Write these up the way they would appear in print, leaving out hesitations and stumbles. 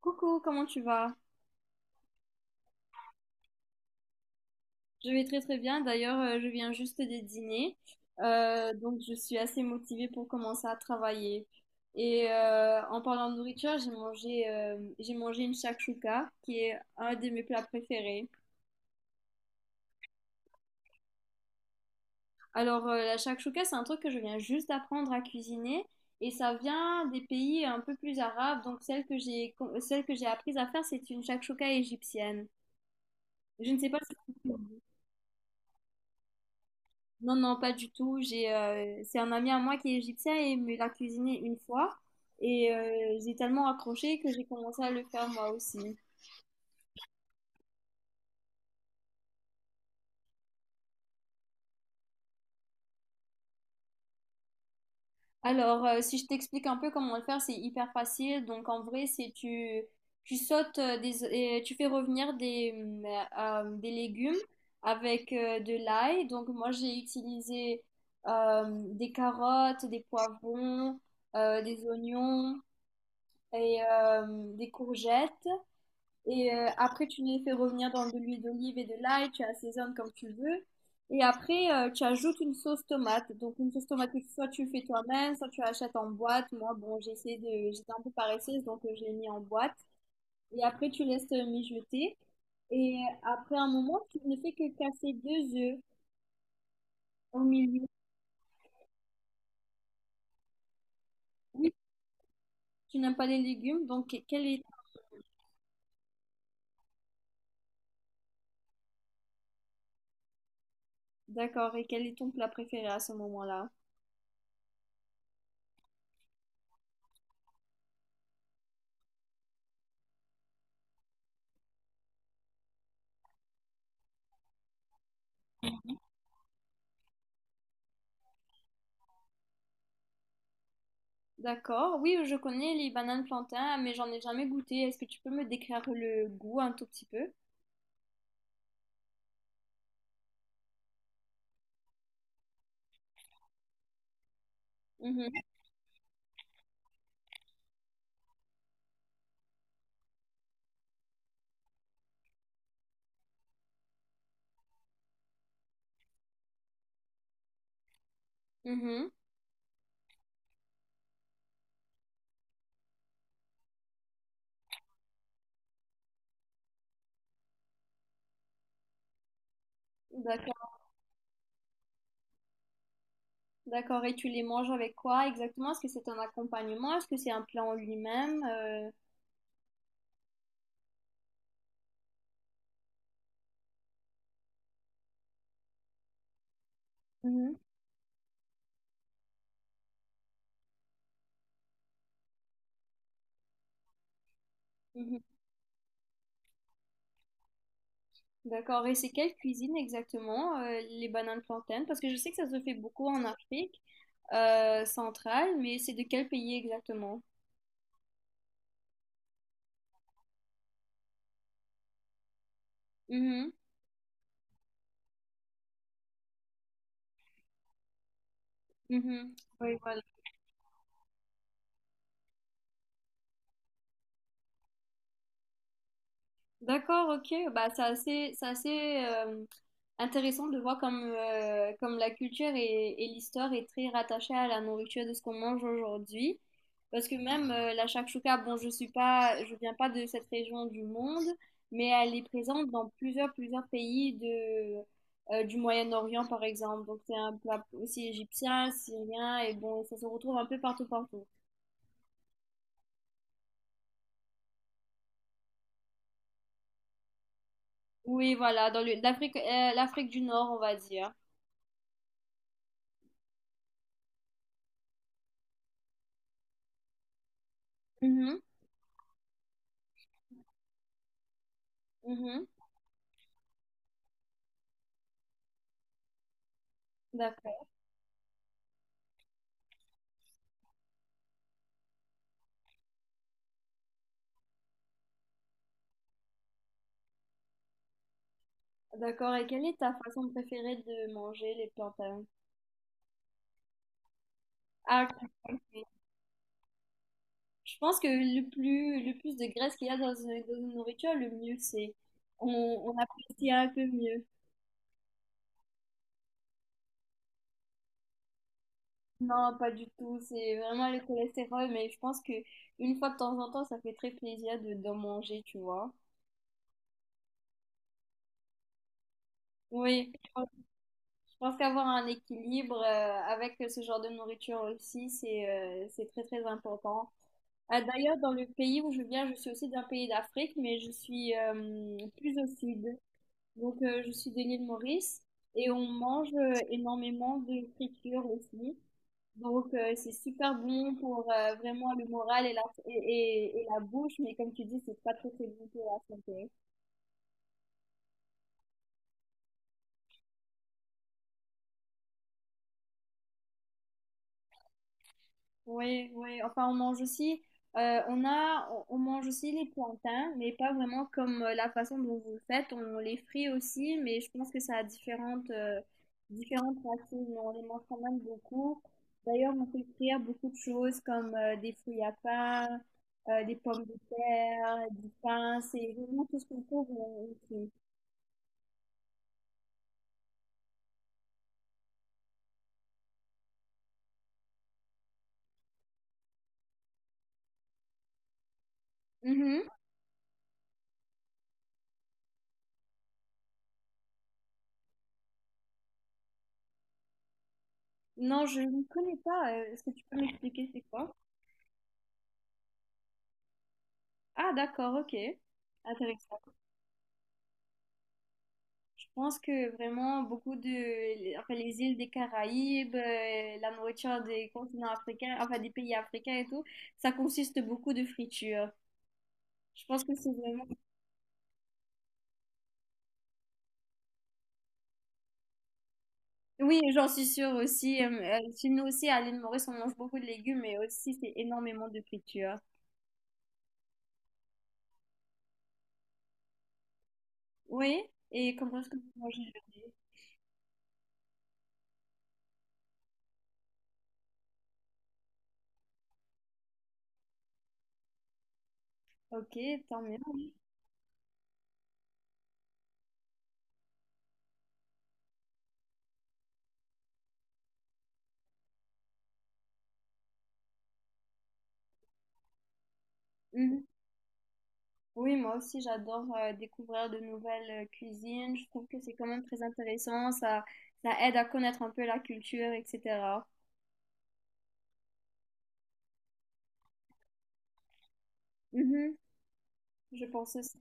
Coucou, comment tu vas? Je vais très très bien. D'ailleurs, je viens juste de dîner. Donc, je suis assez motivée pour commencer à travailler. Et en parlant de nourriture, j'ai mangé une shakshuka, qui est un de mes plats préférés. Alors, la shakshuka, c'est un truc que je viens juste d'apprendre à cuisiner. Et ça vient des pays un peu plus arabes. Donc, celle que j'ai apprise à faire, c'est une shakshuka égyptienne. Je ne sais pas si Non, non, pas du tout. C'est un ami à moi qui est égyptien et il me l'a cuisiné une fois. Et j'ai tellement accroché que j'ai commencé à le faire moi aussi. Alors, si je t'explique un peu comment le faire, c'est hyper facile. Donc, en vrai, tu sautes et tu fais revenir des des légumes avec de l'ail. Donc, moi, j'ai utilisé euh, des carottes, des poivrons, des oignons et des courgettes. Et après, tu les fais revenir dans de l'huile d'olive et de l'ail, tu assaisonnes comme tu veux. Et après, tu ajoutes une sauce tomate. Donc, une sauce tomate que soit tu fais toi-même, soit tu achètes en boîte. Moi, bon, j'essaie de... J'étais un peu paresseuse, donc je l'ai mis en boîte. Et après, tu laisses mijoter. Et après un moment, tu ne fais que casser deux œufs au milieu. Oui, tu n'aimes pas les légumes, donc quel est... D'accord, et quel est ton plat préféré à ce moment-là? D'accord. Oui, je connais les bananes plantains, mais j'en ai jamais goûté. Est-ce que tu peux me décrire le goût un tout petit peu? Mhm. Mhm. D'accord. D'accord. Et tu les manges avec quoi exactement? Est-ce que c'est un accompagnement? Est-ce que c'est un plat en lui-même? Mhm. Mhm. D'accord. Et c'est quelle cuisine exactement, les bananes plantaines? Parce que je sais que ça se fait beaucoup en Afrique centrale, mais c'est de quel pays exactement? Mhm. Mhm. Oui, voilà. D'accord, ok. Bah, c'est assez intéressant de voir comme, comme la culture et l'histoire est très rattachée à la nourriture de ce qu'on mange aujourd'hui. Parce que même la shakshuka, bon, je viens pas de cette région du monde, mais elle est présente dans plusieurs pays de, du Moyen-Orient, par exemple. Donc, c'est un plat aussi égyptien, syrien, et bon, ça se retrouve un peu partout, partout. Oui, voilà, dans l'Afrique, l'Afrique du Nord, on va dire. Mhm, mhm. D'accord, et quelle est ta façon préférée de manger les plantains? Ah, ok. Ok. Je pense que le plus de graisse qu'il y a dans dans une nourriture, le mieux c'est. On apprécie un peu mieux. Non, pas du tout, c'est vraiment le cholestérol, mais je pense que une fois de temps en temps, ça fait très plaisir d'en manger, tu vois. Oui, je pense qu'avoir un équilibre avec ce genre de nourriture aussi, c'est très très important. Ah, d'ailleurs, dans le pays où je viens, je suis aussi d'un pays d'Afrique, mais je suis plus au sud. Donc, je suis de l'île Maurice et on mange énormément de friture aussi. Donc, c'est super bon pour vraiment le moral et et la bouche, mais comme tu dis, c'est pas très, très bon pour la santé. Oui, oui. Enfin, on mange aussi, on mange aussi les plantains, mais pas vraiment comme la façon dont vous le faites. On les frit aussi, mais je pense que ça a différentes, différentes racines. On les mange quand même beaucoup. D'ailleurs, on peut frire beaucoup de choses comme des fruits à pain, des pommes de terre, du pain. C'est vraiment tout ce qu'on trouve ici. Mhm. Non, je ne connais pas. Est-ce que tu peux m'expliquer c'est quoi? Ah, d'accord, ok. Intéressant. Je pense que vraiment beaucoup de, enfin, les îles des Caraïbes, la nourriture des continents africains, enfin des pays africains et tout, ça consiste beaucoup de friture. Je pense que c'est vraiment. Oui, j'en suis sûre aussi. Chez nous aussi, à l'île Maurice, on mange beaucoup de légumes, mais aussi c'est énormément de friture. Oui, et comment est-ce que vous mangez le riz? Ok, tant mieux. Mhm. Oui, moi aussi, j'adore découvrir de nouvelles cuisines. Je trouve que c'est quand même très intéressant. Ça aide à connaître un peu la culture, etc. Mhm, je pense aussi.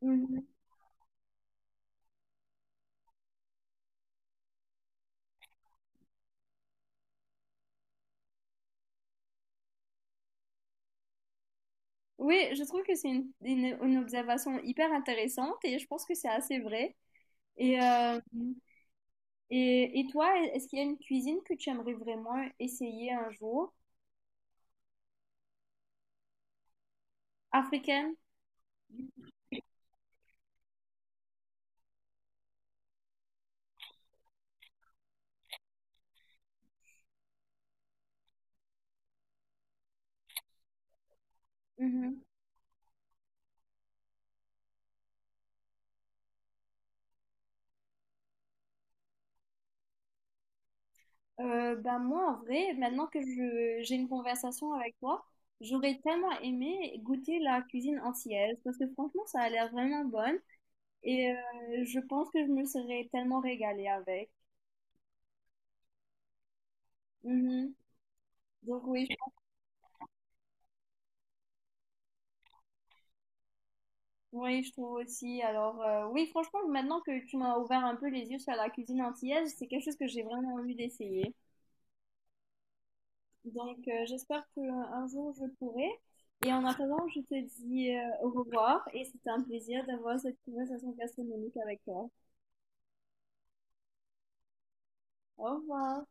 Mhm. Oui, je trouve que c'est une observation hyper intéressante et je pense que c'est assez vrai. Et, euh, et toi, est-ce qu'il y a une cuisine que tu aimerais vraiment essayer un jour? Africaine? Mm-hmm. Bah moi, en vrai, maintenant que j'ai une conversation avec toi, j'aurais tellement aimé goûter la cuisine antillaise parce que franchement, ça a l'air vraiment bonne et je pense que je me serais tellement régalée avec. Mhm. Donc oui, je, oui, je trouve aussi. Alors oui, franchement, maintenant que tu m'as ouvert un peu les yeux sur la cuisine antillaise, c'est quelque chose que j'ai vraiment envie d'essayer. Donc, j'espère qu'un jour je pourrai. Et en attendant, je te dis au revoir et c'était un plaisir d'avoir cette conversation gastronomique avec toi. Au revoir.